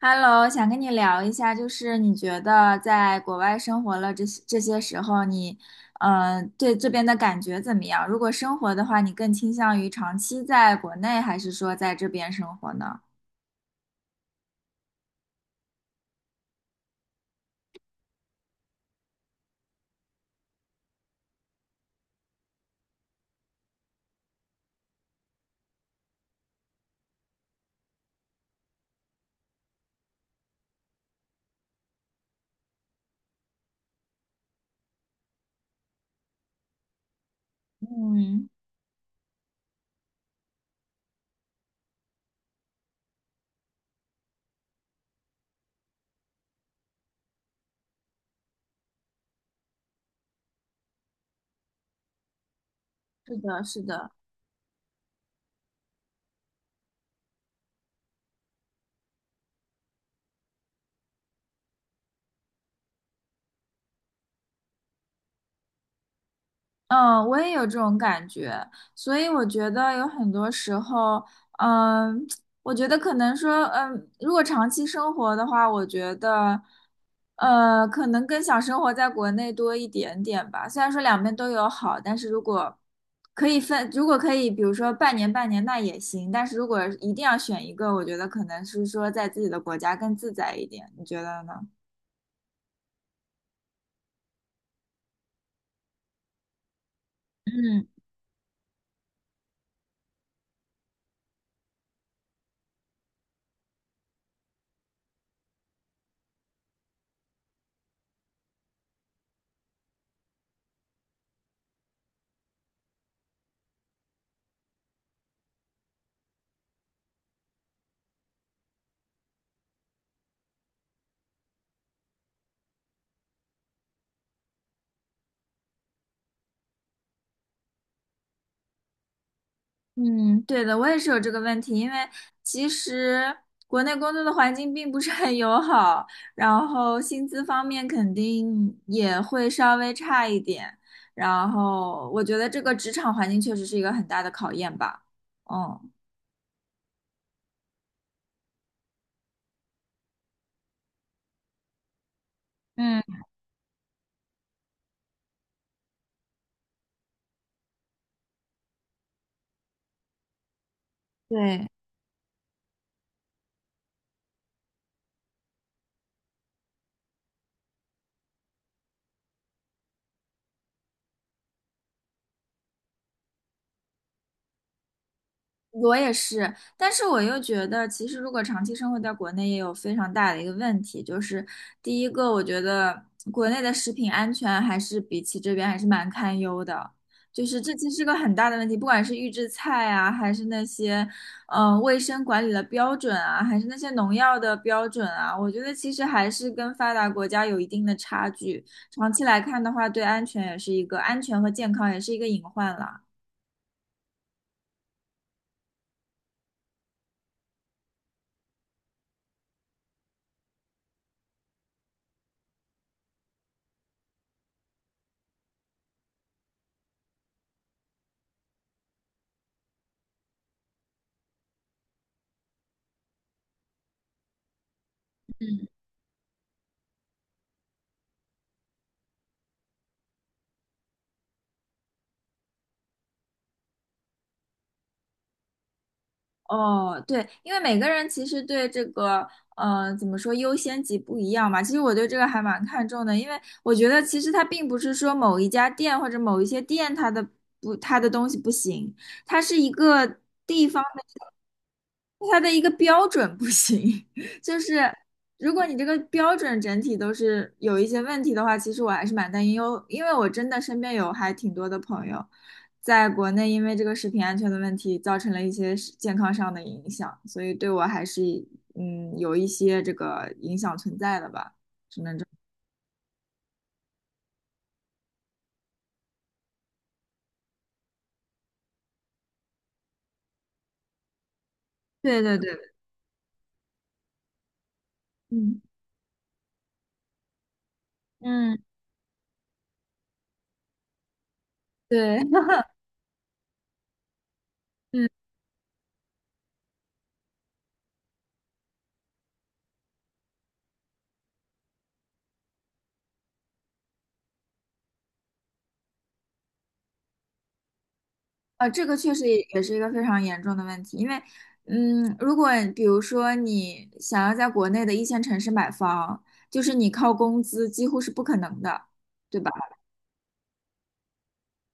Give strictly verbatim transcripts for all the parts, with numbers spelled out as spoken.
Hello，想跟你聊一下，就是你觉得在国外生活了这些这些时候你，嗯，对这边的感觉怎么样？如果生活的话，你更倾向于长期在国内，还是说在这边生活呢？嗯嗯，我也有这种感觉，所以我觉得有很多时候，嗯，我觉得可能说，嗯，如果长期生活的话，我觉得，呃，可能更想生活在国内多一点点吧。虽然说两边都有好，但是如果可以分，如果可以，比如说半年半年那也行，但是如果一定要选一个，我觉得可能是说在自己的国家更自在一点，你觉得呢？嗯。嗯，对的，我也是有这个问题，因为其实国内工作的环境并不是很友好，然后薪资方面肯定也会稍微差一点，然后我觉得这个职场环境确实是一个很大的考验吧。嗯，嗯，对。我也是，但是我又觉得，其实如果长期生活在国内，也有非常大的一个问题，就是第一个，我觉得国内的食品安全还是比起这边还是蛮堪忧的，就是这其实是个很大的问题，不管是预制菜啊，还是那些嗯、呃卫生管理的标准啊，还是那些农药的标准啊，我觉得其实还是跟发达国家有一定的差距，长期来看的话，对安全也是一个安全和健康也是一个隐患了。哦，对，因为每个人其实对这个，呃，怎么说优先级不一样嘛。其实我对这个还蛮看重的，因为我觉得其实它并不是说某一家店或者某一些店它的不它的东西不行，它是一个地方的它的一个标准不行。就是如果你这个标准整体都是有一些问题的话，其实我还是蛮担忧，因为我真的身边有还挺多的朋友。在国内因为这个食品安全的问题，造成了一些是健康上的影响，所以对我还是嗯有一些这个影响存在的吧。对对对，嗯嗯，对，嗯呃，这个确实也也是一个非常严重的问题，因为嗯，如果比如说你想要在国内的一线城市买房，就是你靠工资几乎是不可能的，对吧？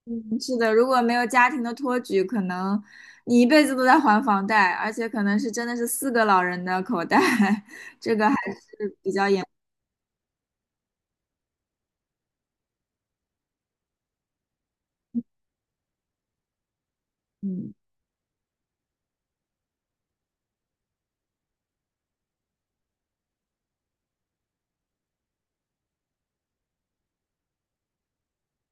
嗯，是的，如果没有家庭的托举，可能你一辈子都在还房贷，而且可能是真的是四个老人的口袋，这个还，嗯。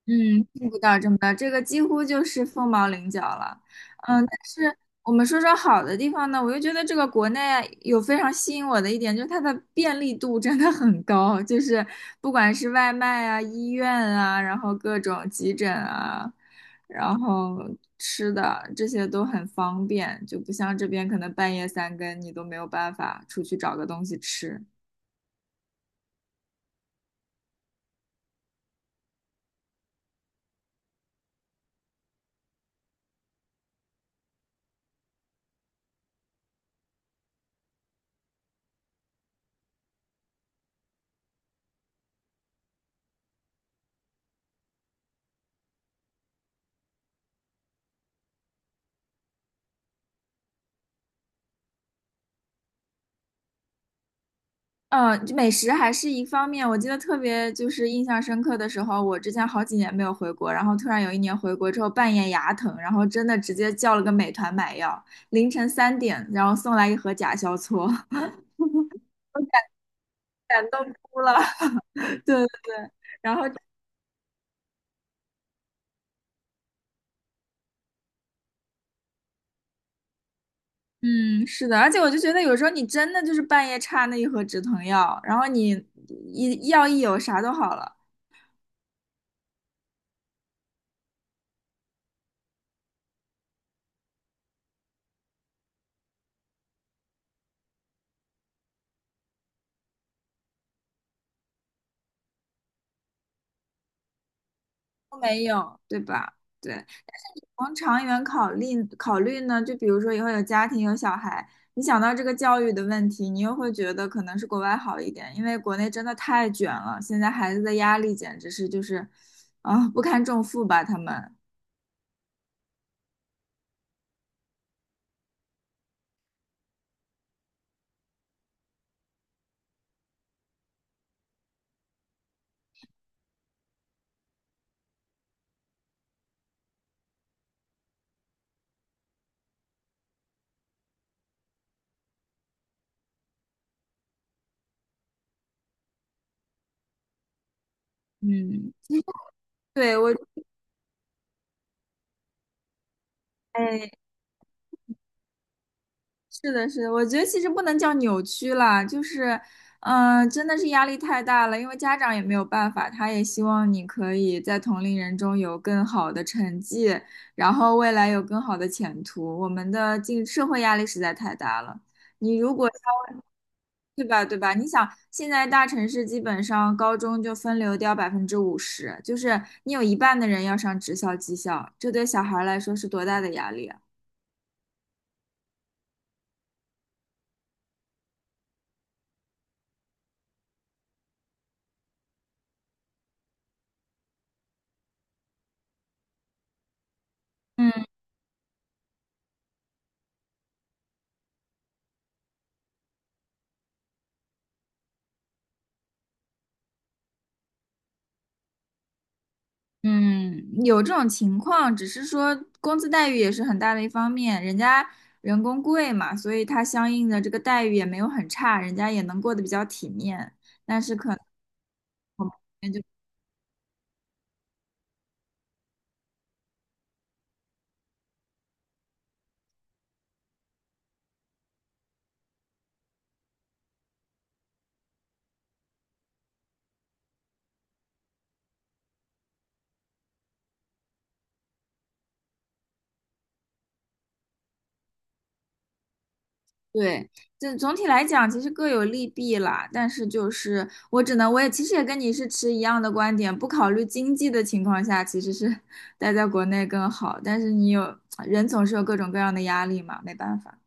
嗯，见不到这么到，这个几乎就是凤毛麟角了。嗯，但是我们说说好的地方呢，我又觉得这个国内有非常吸引我的一点，就是它的便利度真的很高，就是不管是外卖啊、医院啊，然后各种急诊啊，然后吃的这些都很方便，就不像这边可能半夜三更你都没有办法出去找个东西吃。嗯，呃美食还是一方面。我记得特别就是印象深刻的时候，我之前好几年没有回国，然后突然有一年回国之后，半夜牙疼，然后真的直接叫了个美团买药，凌晨三点，然后送来一盒甲硝唑，感动哭了。对对对，然后嗯，是的，而且我就觉得有时候你真的就是半夜差那一盒止疼药，然后你一药一有啥都好了，都没有，对吧？对。从长远考虑考虑呢，就比如说以后有家庭有小孩，你想到这个教育的问题，你又会觉得可能是国外好一点，因为国内真的太卷了，现在孩子的压力简直是就是，啊，不堪重负吧，他们。嗯，对，我，哎，是的，是的，我觉得其实不能叫扭曲啦，就是，嗯、真的是压力太大了，因为家长也没有办法，他也希望你可以在同龄人中有更好的成绩，然后未来有更好的前途。我们的进社会压力实在太大了，你如果稍微对吧，对吧？你想，现在大城市基本上高中就分流掉百分之五十，就是你有一半的人要上职校、技校，这对小孩来说是多大的压力啊！嗯。嗯，有这种情况，只是说工资待遇也是很大的一方面，人家人工贵嘛，所以他相应的这个待遇也没有很差，人家也能过得比较体面。但是可能我们这边就对，这总体来讲其实各有利弊啦。但是就是我只能，我也其实也跟你是持一样的观点，不考虑经济的情况下，其实是待在国内更好。但是你有，人总是有各种各样的压力嘛，没办法。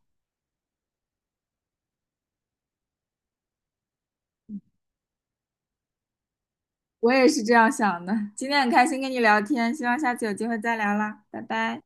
我也是这样想的。今天很开心跟你聊天，希望下次有机会再聊啦，拜拜。